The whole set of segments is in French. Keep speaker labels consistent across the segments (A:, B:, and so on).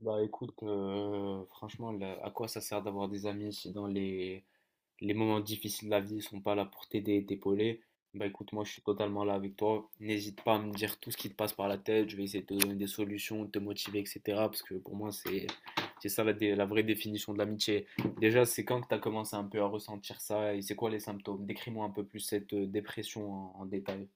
A: Bah écoute, franchement, là, à quoi ça sert d'avoir des amis si dans les moments difficiles de la vie, ils sont pas là pour t'aider et t'épauler? Bah écoute, moi je suis totalement là avec toi. N'hésite pas à me dire tout ce qui te passe par la tête, je vais essayer de te donner des solutions, de te motiver, etc. Parce que pour moi, c'est ça la vraie définition de l'amitié. Déjà, c'est quand que tu as commencé un peu à ressentir ça et c'est quoi les symptômes? Décris-moi un peu plus cette dépression en détail.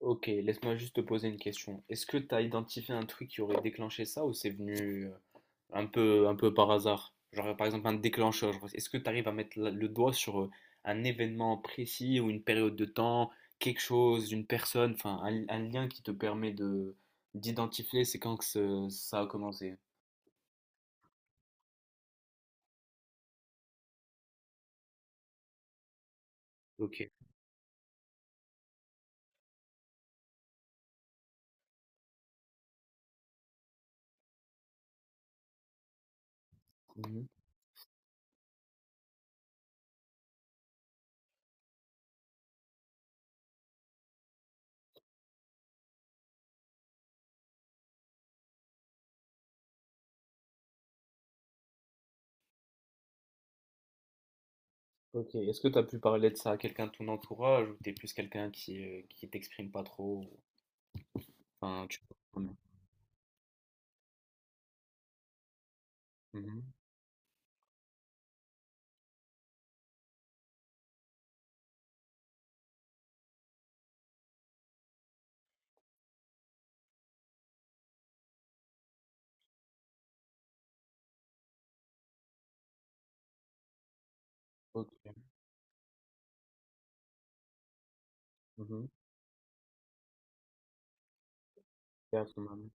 A: Ok, laisse-moi juste te poser une question. Est-ce que tu as identifié un truc qui aurait déclenché ça ou c'est venu un peu par hasard? Genre par exemple un déclencheur. Genre, est-ce que tu arrives à mettre le doigt sur un événement précis ou une période de temps, quelque chose, une personne, enfin un lien qui te permet de d'identifier c'est quand que ça a commencé. Ok. Mhm. Ok. Est-ce que tu as pu parler de ça à quelqu'un de ton entourage ou t'es plus quelqu'un qui t'exprime pas trop? Enfin, tu... Mhm. Ok. Mhm. À son âme.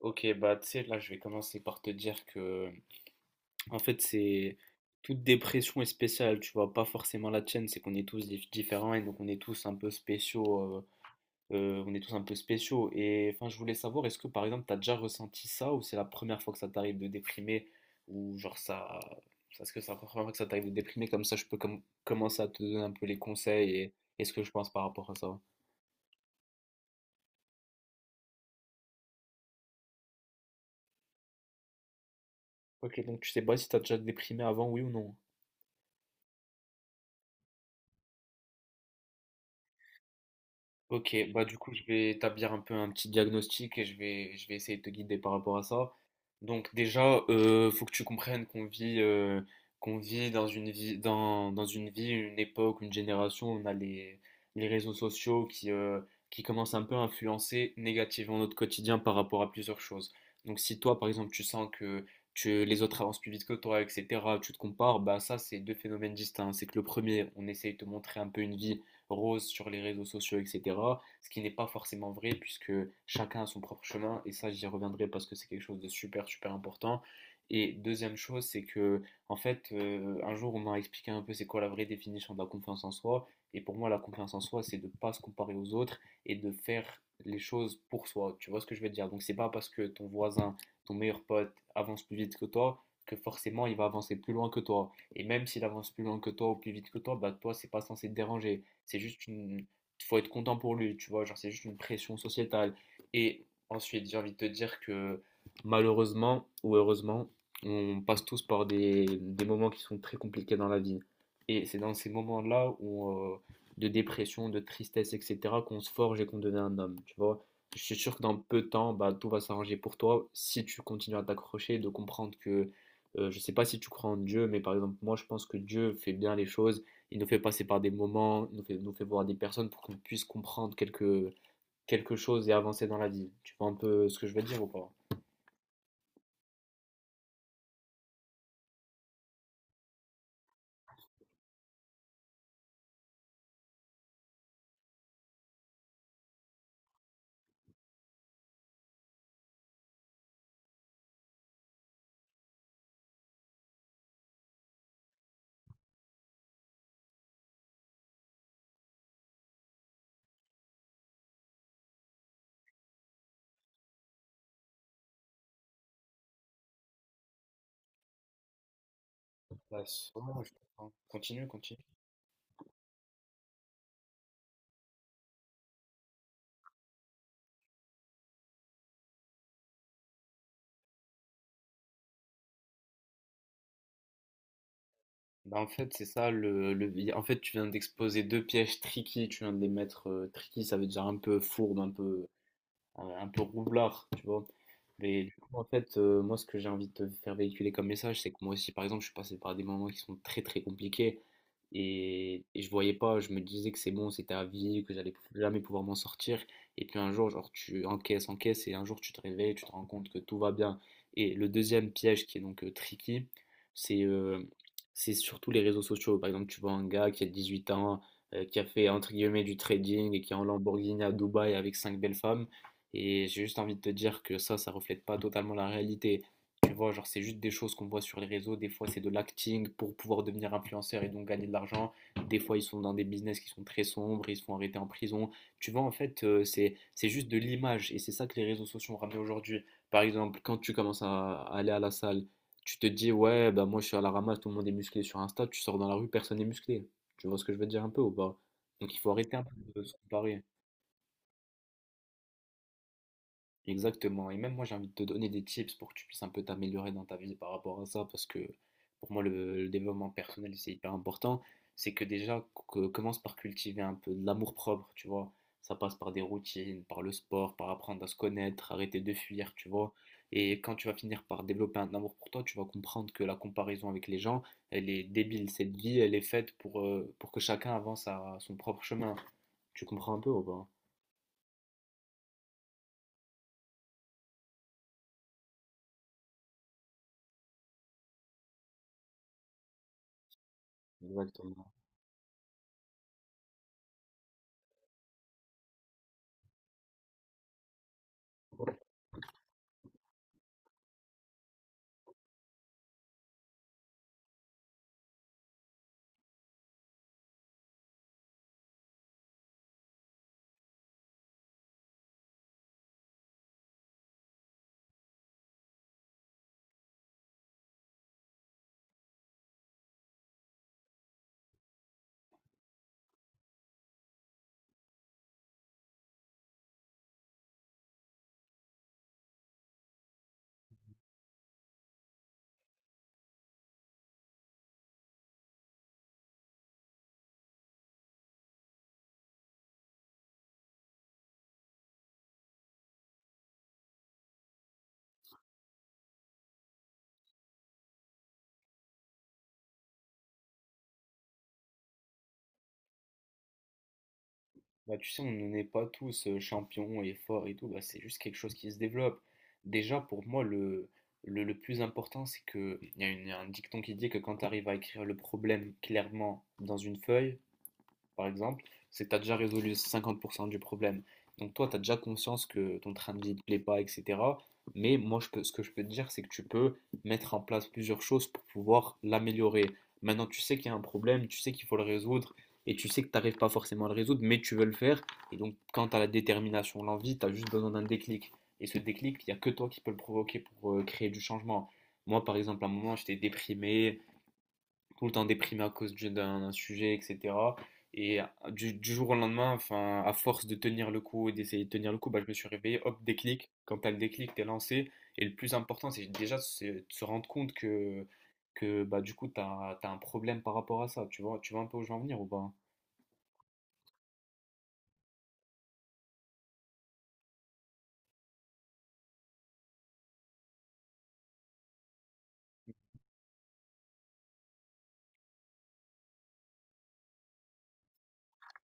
A: Ok, bah tu sais, là je vais commencer par te dire que en fait c'est toute dépression est spéciale, tu vois, pas forcément la tienne, c'est qu'on est tous différents et donc on est tous un peu spéciaux, on est tous un peu spéciaux. Et enfin je voulais savoir, est-ce que par exemple t'as déjà ressenti ça ou c'est la première fois que ça t'arrive de déprimer ou est-ce que c'est la première fois que ça t'arrive de déprimer comme ça je peux commencer à te donner un peu les conseils et ce que je pense par rapport à ça. Ok, donc tu sais pas si t'as déjà déprimé avant, oui ou non? Ok, bah du coup je vais établir un peu un petit diagnostic et je vais essayer de te guider par rapport à ça. Donc déjà, faut que tu comprennes qu'on vit dans dans une vie, une époque, une génération, on a les réseaux sociaux qui commencent un peu à influencer négativement notre quotidien par rapport à plusieurs choses. Donc si toi par exemple tu sens que les autres avancent plus vite que toi, etc., tu te compares, bah ça c'est deux phénomènes distincts. C'est que le premier, on essaye de te montrer un peu une vie rose sur les réseaux sociaux, etc. Ce qui n'est pas forcément vrai puisque chacun a son propre chemin et ça j'y reviendrai parce que c'est quelque chose de super super important. Et deuxième chose, c'est que un jour on m'a expliqué un peu c'est quoi la vraie définition de la confiance en soi. Et pour moi, la confiance en soi, c'est de ne pas se comparer aux autres et de faire les choses pour soi. Tu vois ce que je veux dire. Donc c'est pas parce que ton voisin, ton meilleur pote avance plus vite que toi que forcément il va avancer plus loin que toi. Et même s'il avance plus loin que toi ou plus vite que toi, bah toi c'est pas censé te déranger. C'est juste une. Faut être content pour lui, tu vois. Genre, c'est juste une pression sociétale. Et ensuite, j'ai envie de te dire que malheureusement ou heureusement, on passe tous par des moments qui sont très compliqués dans la vie. Et c'est dans ces moments-là où, de dépression, de tristesse, etc., qu'on se forge et qu'on devient un homme, tu vois. Je suis sûr que dans peu de temps, bah, tout va s'arranger pour toi si tu continues à t'accrocher, de comprendre que, je sais pas si tu crois en Dieu, mais par exemple, moi, je pense que Dieu fait bien les choses. Il nous fait passer par des moments, nous fait voir des personnes pour qu'on puisse comprendre quelque chose et avancer dans la vie. Tu vois un peu ce que je veux dire ou pas? Ouais, sûrement, je comprends. Continue, continue. Bah, en fait, c'est ça, tu viens d'exposer deux pièges tricky, tu viens de les mettre tricky, ça veut dire un peu fourbe, un peu roublard, tu vois. Mais du coup, moi, ce que j'ai envie de te faire véhiculer comme message, c'est que moi aussi, par exemple, je suis passé par des moments qui sont très, très compliqués et je voyais pas, je me disais que c'est bon, c'était à vie, que j'allais jamais pouvoir m'en sortir. Et puis un jour, genre, encaisses et un jour, tu te réveilles, tu te rends compte que tout va bien. Et le deuxième piège qui est donc tricky, c'est euh, c'est surtout les réseaux sociaux. Par exemple, tu vois un gars qui a 18 ans, qui a fait entre guillemets du trading et qui est en Lamborghini à Dubaï avec cinq belles femmes. Et j'ai juste envie de te dire que ça reflète pas totalement la réalité. Tu vois, genre, c'est juste des choses qu'on voit sur les réseaux. Des fois, c'est de l'acting pour pouvoir devenir influenceur et donc gagner de l'argent. Des fois, ils sont dans des business qui sont très sombres, ils se font arrêter en prison. Tu vois, c'est juste de l'image et c'est ça que les réseaux sociaux ont ramené aujourd'hui. Par exemple, quand tu commences à aller à la salle, tu te dis, ouais, bah moi, je suis à la ramasse, tout le monde est musclé sur Insta. Tu sors dans la rue, personne n'est musclé. Tu vois ce que je veux dire un peu ou pas? Donc, il faut arrêter un peu de se comparer. Exactement. Et même moi, j'ai envie de te donner des tips pour que tu puisses un peu t'améliorer dans ta vie par rapport à ça, parce que pour moi, le développement personnel, c'est hyper important. C'est que déjà, commence par cultiver un peu de l'amour-propre, tu vois. Ça passe par des routines, par le sport, par apprendre à se connaître, arrêter de fuir, tu vois. Et quand tu vas finir par développer un amour pour toi, tu vas comprendre que la comparaison avec les gens, elle est débile. Cette vie, elle est faite pour que chacun avance à son propre chemin. Tu comprends un peu ou pas? Exactement. Bah, tu sais, on n'est pas tous champions et forts et tout, bah, c'est juste quelque chose qui se développe. Déjà, pour moi, le plus important, c'est que il y a un dicton qui dit que quand tu arrives à écrire le problème clairement dans une feuille, par exemple, c'est que tu as déjà résolu 50% du problème. Donc toi, tu as déjà conscience que ton train de vie ne te plaît pas, etc. Mais moi, ce que je peux te dire, c'est que tu peux mettre en place plusieurs choses pour pouvoir l'améliorer. Maintenant, tu sais qu'il y a un problème, tu sais qu'il faut le résoudre, et tu sais que tu n'arrives pas forcément à le résoudre, mais tu veux le faire. Et donc, quand tu as la détermination, l'envie, tu as juste besoin d'un déclic. Et ce déclic, il n'y a que toi qui peux le provoquer pour créer du changement. Moi, par exemple, à un moment, j'étais déprimé, tout le temps déprimé à cause d'un sujet, etc. Et du jour au lendemain, enfin, à force de tenir le coup et d'essayer de tenir le coup, bah, je me suis réveillé, hop, déclic. Quand t'as le déclic, t'es lancé. Et le plus important, c'est déjà c'est de se rendre compte que bah, du coup, t'as un problème par rapport à ça. Tu vois un peu où je veux en venir ou pas?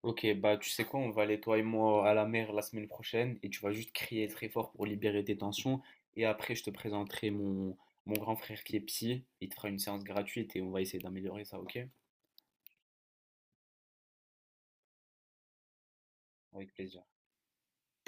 A: Ok, bah tu sais quoi, on va aller toi et moi à la mer la semaine prochaine et tu vas juste crier très fort pour libérer tes tensions. Et après, je te présenterai mon, mon grand frère qui est psy. Il te fera une séance gratuite et on va essayer d'améliorer ça, ok? Avec plaisir.